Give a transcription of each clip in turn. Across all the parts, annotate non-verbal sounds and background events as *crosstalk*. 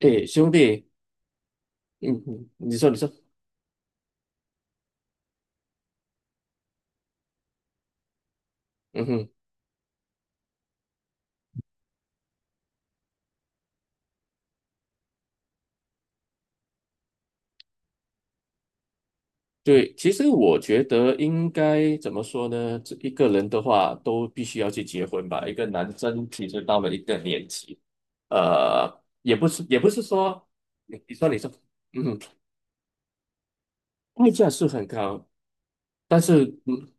诶，兄弟。嗯你说，嗯哼。对，其实我觉得应该怎么说呢？这一个人的话，都必须要去结婚吧。一个男生其实到了一个年纪，呃，也不是说，你说，嗯哼。代价是很高。但是，嗯，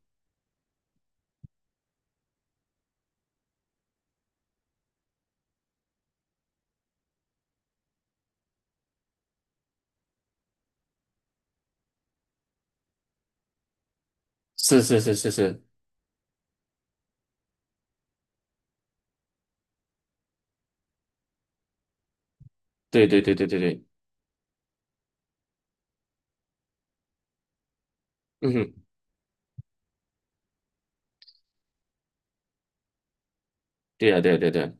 是是是是是，对对对对对对，嗯哼，对呀、对呀、对呀、对呀，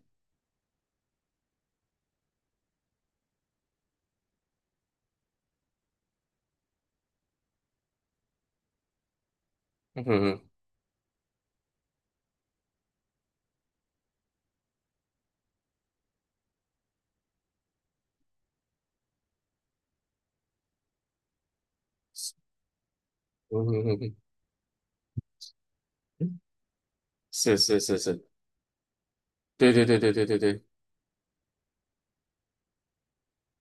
嗯哼嗯哼，嗯哼嗯哼嗯哼，是是是是，对对对对对对对。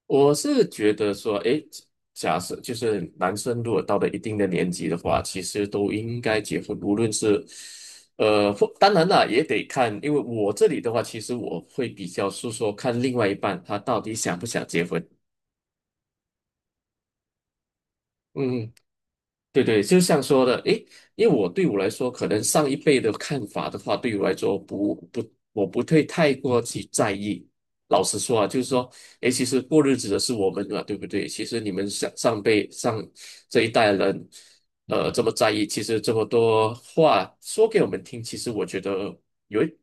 我是觉得说，诶，假设就是男生如果到了一定的年纪的话，其实都应该结婚，无论是，或当然啦，也得看，因为我这里的话，其实我会比较是说看另外一半他到底想不想结婚。嗯。对对，就像说的，诶，因为对我来说，可能上一辈的看法的话，对我来说不，我不会太过去在意。老实说啊，就是说，诶，其实过日子的是我们嘛，对不对？其实你们上上辈上这一代人，这么在意，其实这么多话说给我们听，其实我觉得有一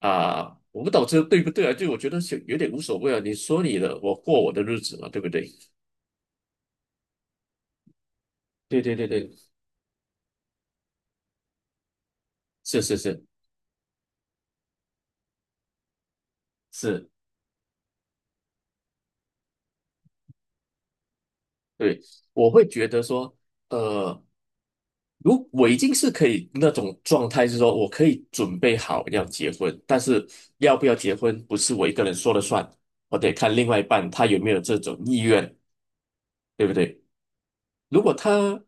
啊，我不懂这对不对啊？就我觉得是有点无所谓啊，你说你的，我过我的日子嘛，对不对？对对对对，是是是是。对，我会觉得说，呃，如我已经是可以那种状态，是说我可以准备好要结婚，但是要不要结婚不是我一个人说了算，我得看另外一半他有没有这种意愿，对不对？如果他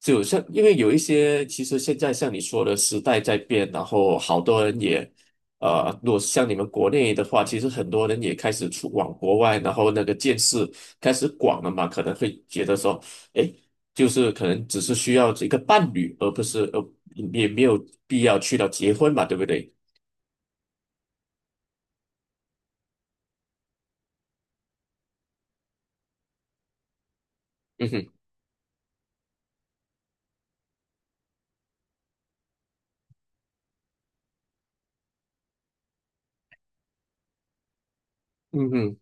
就像，因为有一些，其实现在像你说的，时代在变，然后好多人也，如果像你们国内的话，其实很多人也开始出往国外，然后那个见识开始广了嘛，可能会觉得说，诶，就是可能只是需要一个伴侣，而不是也没有必要去到结婚嘛，对不对？嗯哼，嗯哼。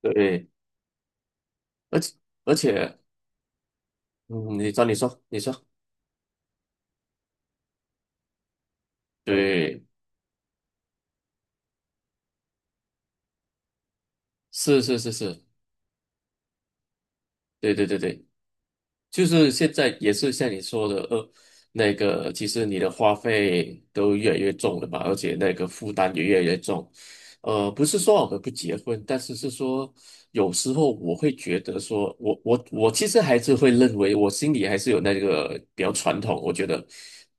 对，而且而且，嗯，你说，对，是是是是，对对对对。就是现在也是像你说的，那个其实你的花费都越来越重了嘛，而且那个负担也越来越重。不是说我们不结婚，但是是说有时候我会觉得说，我其实还是会认为，我心里还是有那个比较传统，我觉得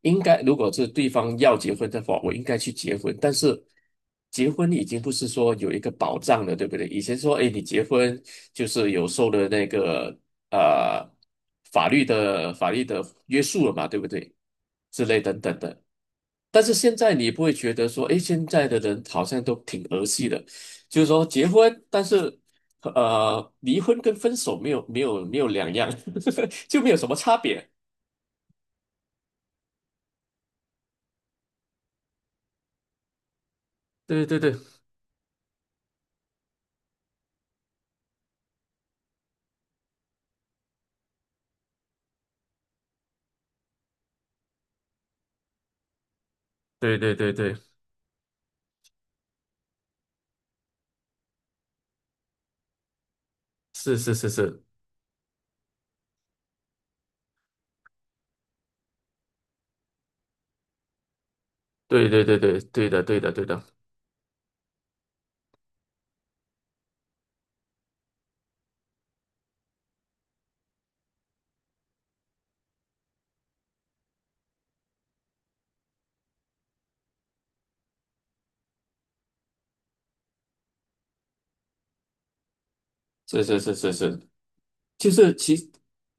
应该如果是对方要结婚的话，我应该去结婚。但是结婚已经不是说有一个保障了，对不对？以前说，哎，你结婚就是有受的那个。呃法律的约束了嘛，对不对？之类等等的。但是现在你不会觉得说，诶，现在的人好像都挺儿戏的，就是说结婚，但是离婚跟分手没有两样，*laughs* 就没有什么差别。对对对对对对对，是是是是，对对对对对的对的对的。是是是是是。就是其实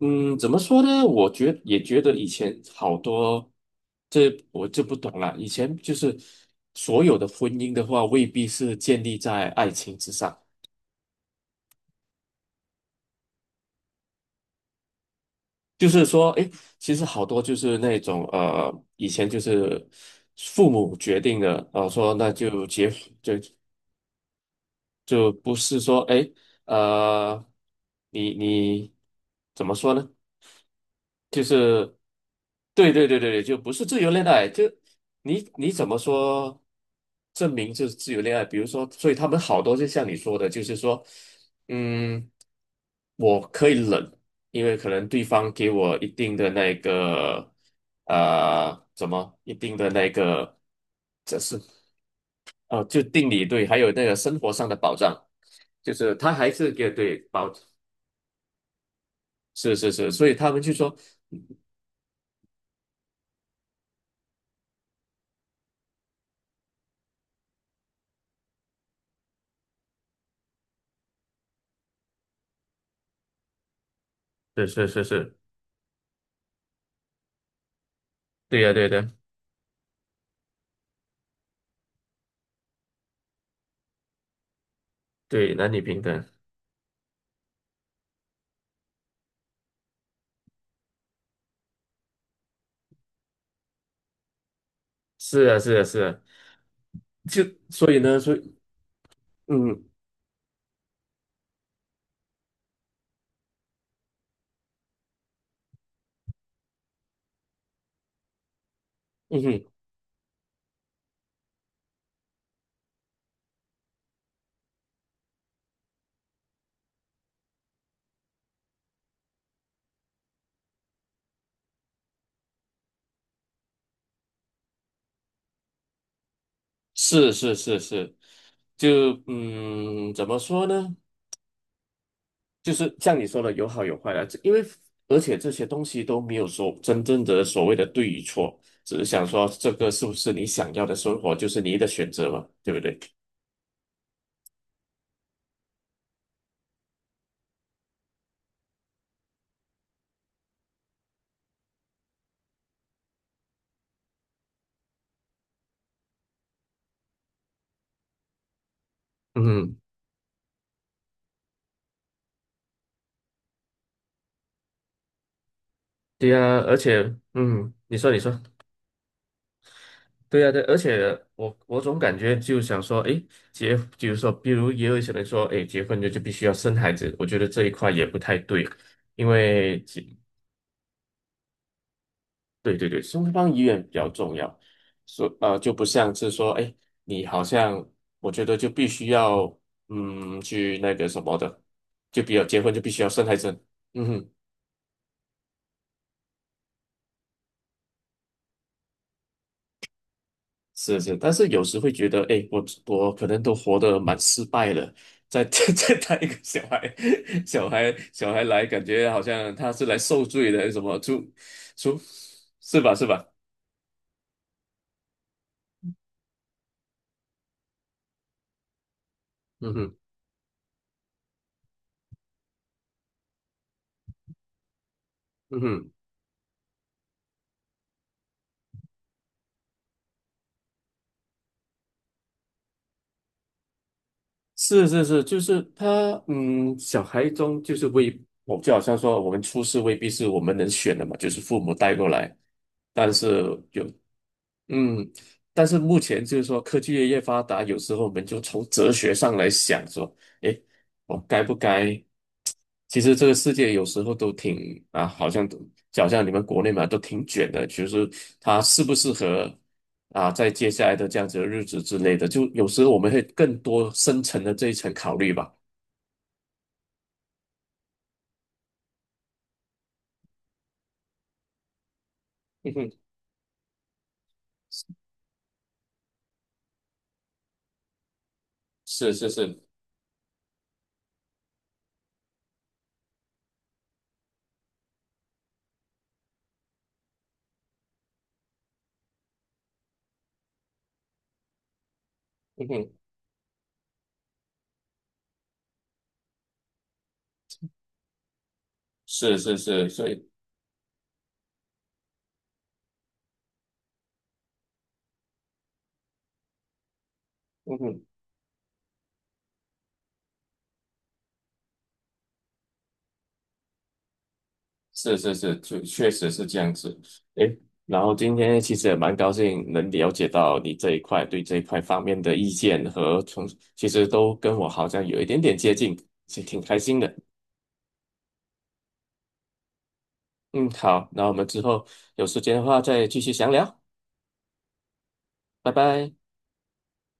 怎么说呢？也觉得以前好多，这我就不懂了。以前就是所有的婚姻的话，未必是建立在爱情之上。就是说，诶，其实好多就是那种以前就是父母决定的，说那就结就就不是说，诶，呃，你怎么说呢？就是对对对对对，就不是自由恋爱，就你怎么说证明就是自由恋爱？比如说，所以他们好多就像你说的，就是说，嗯，我可以忍，因为可能对方给我一定的那个怎么一定的那个，这是啊就定理对，还有那个生活上的保障，就是他还是给对保，是是是，所以他们就说，是是是是，对呀、对的、对，男女平等，是啊，是啊，是啊，就所以，嗯嗯哼，是是是是。就怎么说呢？就是像你说的，有好有坏啦，这因为而且这些东西都没有说真正的所谓的对与错，只是想说这个是不是你想要的生活，就是你的选择嘛，对不对？嗯，对啊，而且，你说。对呀，对，而且我总感觉就想说，诶，比如说，比如也有一些人说，诶，结婚就必须要生孩子，我觉得这一块也不太对，因为结，对对对，双方意愿比较重要，所就不像是说，诶，你好像我觉得就必须要去那个什么的，就比较结婚就必须要生孩子，嗯哼。是是，但是有时会觉得，哎，我可能都活得蛮失败了，再 *laughs* 再带一个小孩，*laughs* 小孩来，感觉好像他是来受罪的，什么出出是吧是吧？嗯哼，嗯哼，是是是，就是他，小孩中就是未，我就好像说我们出世未必是我们能选的嘛，就是父母带过来，但是有嗯，但是目前就是说科技越发达，有时候我们就从哲学上来想说，诶，我该不该？其实这个世界有时候都挺啊，好像都就好像你们国内嘛，都挺卷的，就是它适不适合啊，在接下来的这样子的日子之类的，就有时候我们会更多深层的这一层考虑吧。*laughs* 嗯哼，是是是，嗯哼，是是是，所以嗯哼。是是是，确实是这样子。诶，然后今天其实也蛮高兴能了解到你这一块对这一块方面的意见和从，其实都跟我好像有一点点接近，是挺开心的。嗯，好，那我们之后有时间的话再继续详聊，拜拜。